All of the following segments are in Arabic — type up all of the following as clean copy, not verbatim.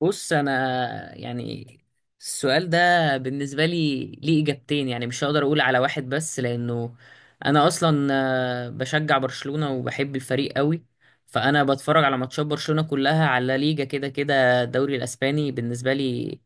بص، انا يعني السؤال ده بالنسبه لي ليه اجابتين، يعني مش هقدر اقول على واحد بس لانه انا اصلا بشجع برشلونه وبحب الفريق قوي. فانا بتفرج على ماتشات برشلونه كلها، على لا ليجا، كده كده الدوري الاسباني بالنسبه لي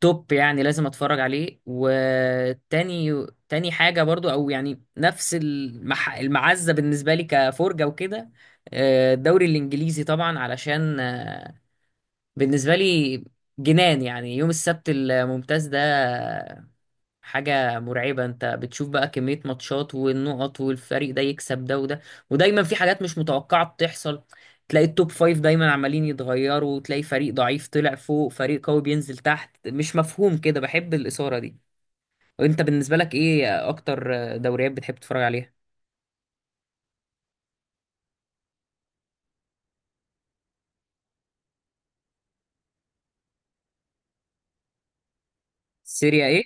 توب، يعني لازم اتفرج عليه. وتاني حاجه برضو، او يعني نفس المعزه بالنسبه لي كفرجه وكده، الدوري الانجليزي طبعا. علشان بالنسبة لي جنان، يعني يوم السبت الممتاز ده حاجة مرعبة. انت بتشوف بقى كمية ماتشات والنقط، والفريق ده يكسب ده وده، ودايما في حاجات مش متوقعة بتحصل. تلاقي التوب فايف دايما عمالين يتغيروا، وتلاقي فريق ضعيف طلع فوق، فريق قوي بينزل تحت، مش مفهوم كده، بحب الإثارة دي. وانت بالنسبة لك ايه اكتر دوريات بتحب تتفرج عليها؟ سيريا ايه.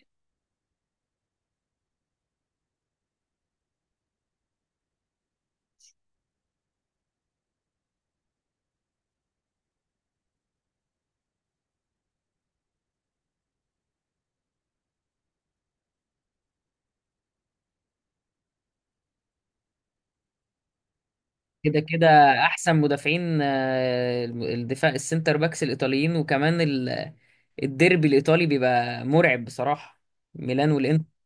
كده كده احسن مدافعين، الدفاع السنتر باكس الايطاليين، وكمان الديربي الايطالي بيبقى مرعب بصراحه، ميلان والانتر.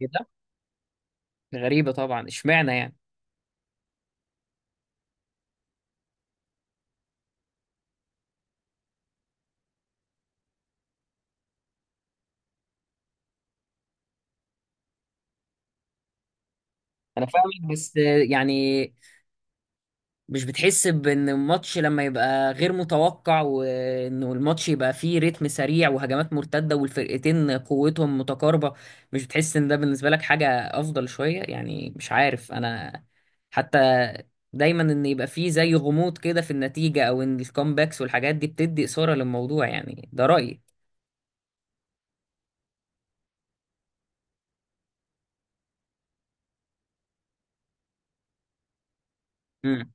كده غريبه طبعا، اشمعنى يعني؟ انا فاهمك، بس يعني مش بتحس بان الماتش لما يبقى غير متوقع وانه الماتش يبقى فيه رتم سريع وهجمات مرتدة والفرقتين قوتهم متقاربة، مش بتحس ان ده بالنسبة لك حاجة افضل شوية؟ يعني مش عارف انا، حتى دايما ان يبقى فيه زي غموض كده في النتيجة، او ان الكومباكس والحاجات دي بتدي اثارة للموضوع، يعني ده رأيي. مم.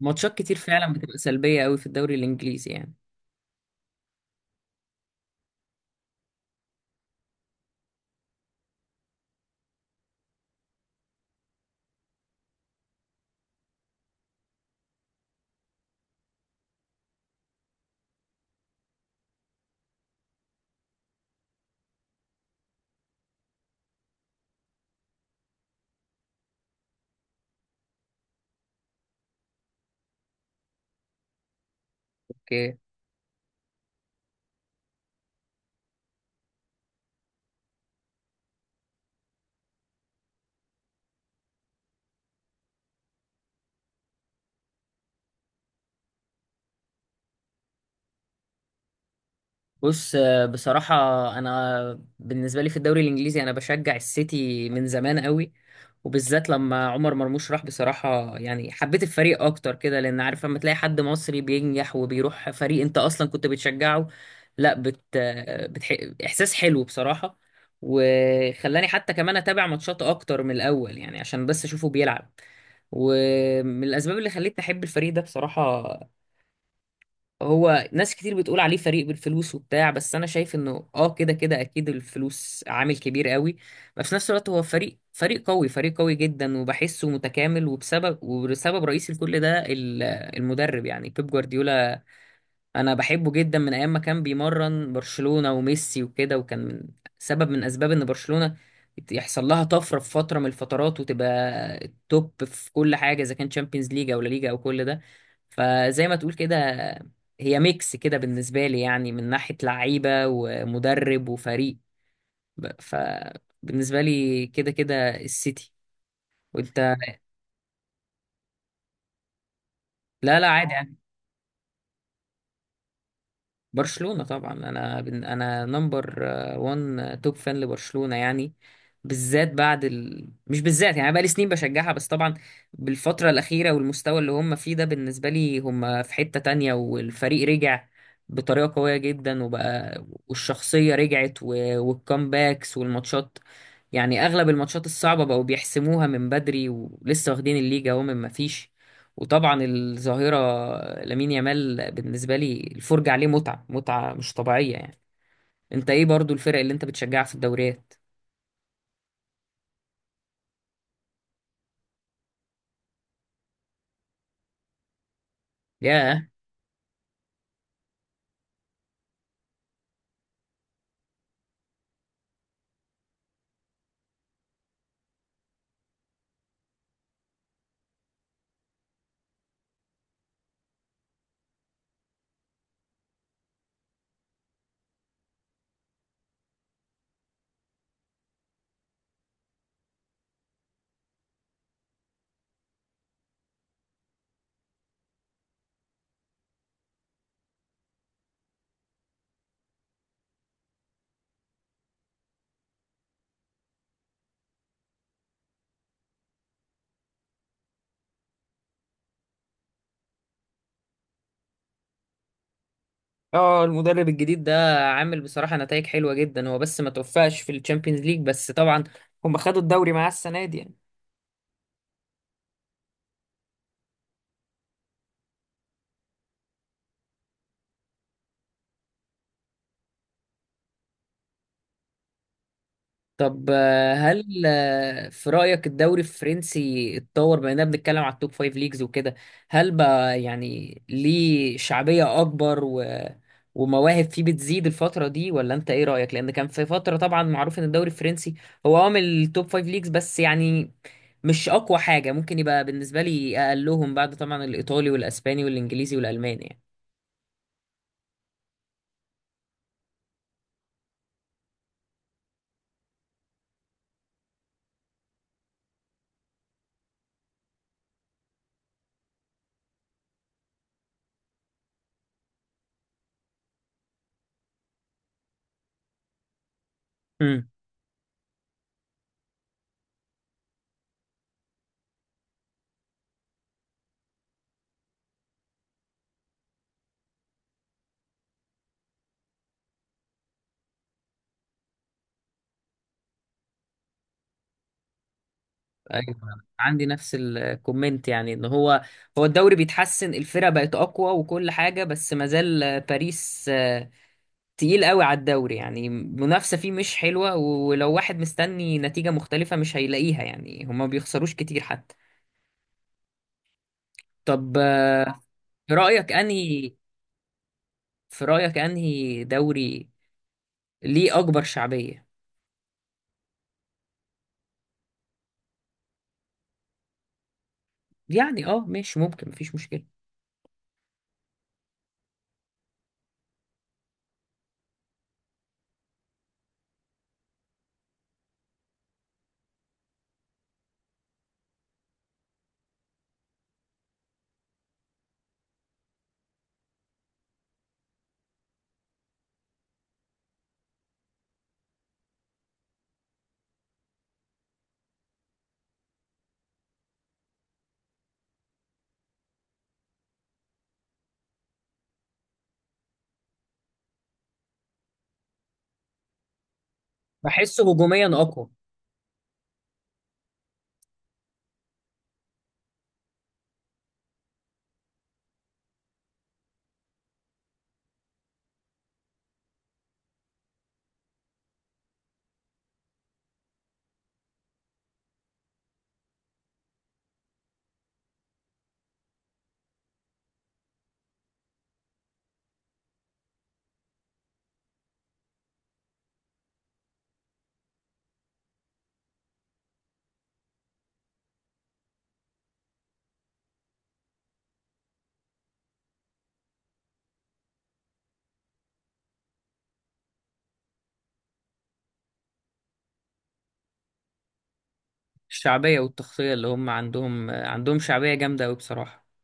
ماتشات كتير فعلا بتبقى سلبية قوي في الدوري الانجليزي يعني. اوكي. بص، بصراحة أنا بالنسبة لي في الدوري الإنجليزي أنا بشجع السيتي من زمان قوي. وبالذات لما عمر مرموش راح، بصراحة يعني حبيت الفريق أكتر كده، لأن عارف لما تلاقي حد مصري بينجح وبيروح فريق أنت أصلا كنت بتشجعه، لا بت... آه، بتح... إحساس حلو بصراحة. وخلاني حتى كمان أتابع ماتشات أكتر من الأول، يعني عشان بس أشوفه بيلعب. ومن الأسباب اللي خلتني أحب الفريق ده بصراحة، هو ناس كتير بتقول عليه فريق بالفلوس وبتاع، بس انا شايف انه اه كده كده اكيد الفلوس عامل كبير قوي، بس في نفس الوقت هو فريق قوي، فريق قوي جدا، وبحسه متكامل. وبسبب رئيسي لكل ده المدرب يعني، بيب جوارديولا. انا بحبه جدا من ايام ما كان بيمرن برشلونة وميسي وكده، وكان من سبب من اسباب ان برشلونة يحصل لها طفرة في فترة من الفترات، وتبقى التوب في كل حاجة، اذا كان تشامبيونز ليج او لا ليجا او كل ده. فزي ما تقول كده، هي ميكس كده بالنسبة لي، يعني من ناحية لعيبة ومدرب وفريق. فبالنسبة لي كده كده السيتي. وانت؟ لا لا عادي. برشلونة طبعا، انا انا نمبر 1 توب فان لبرشلونة يعني. بالذات بعد مش بالذات يعني، بقى لي سنين بشجعها، بس طبعا بالفترة الأخيرة والمستوى اللي هم فيه ده، بالنسبة لي هم في حتة تانية. والفريق رجع بطريقة قوية جدا، وبقى والشخصية رجعت والكامباكس والماتشات، يعني اغلب الماتشات الصعبه بقوا بيحسموها من بدري، ولسه واخدين الليجا اهو من ما فيش. وطبعا الظاهره لامين يامال بالنسبه لي الفرجه عليه متعه مش طبيعيه يعني. انت ايه برضو الفرق اللي انت بتشجعها في الدوريات؟ ياه. اه، المدرب الجديد ده عامل بصراحه نتائج حلوه جدا، هو بس ما توفقش في الشامبيونز ليج، بس طبعا هم خدوا الدوري معاه السنه دي يعني. طب هل في رأيك الدوري الفرنسي اتطور، بما اننا بنتكلم على التوب فايف ليجز وكده؟ هل بقى يعني ليه شعبية اكبر ومواهب فيه بتزيد الفترة دي، ولا انت ايه رأيك؟ لان كان في فترة طبعا معروف ان الدوري الفرنسي هو عامل التوب فايف ليجز بس، يعني مش اقوى حاجة، ممكن يبقى بالنسبة لي اقلهم، بعد طبعا الايطالي والاسباني والانجليزي والالماني يعني. ايوه، عندي نفس الكومنت، يعني ان هو الدوري بيتحسن، الفرق بقت اقوى وكل حاجه، بس ما زال باريس تقيل قوي على الدوري. يعني المنافسه فيه مش حلوه، ولو واحد مستني نتيجه مختلفه مش هيلاقيها، يعني هما ما بيخسروش كتير حتى. طب في رايك انهي في رايك انهي دوري ليه اكبر شعبيه يعني؟ اه ماشي، ممكن، مفيش مشكله. بحسه هجوميا اقوى. الشعبيه والتغطيه اللي هم عندهم، عندهم شعبيه جامده قوي بصراحه.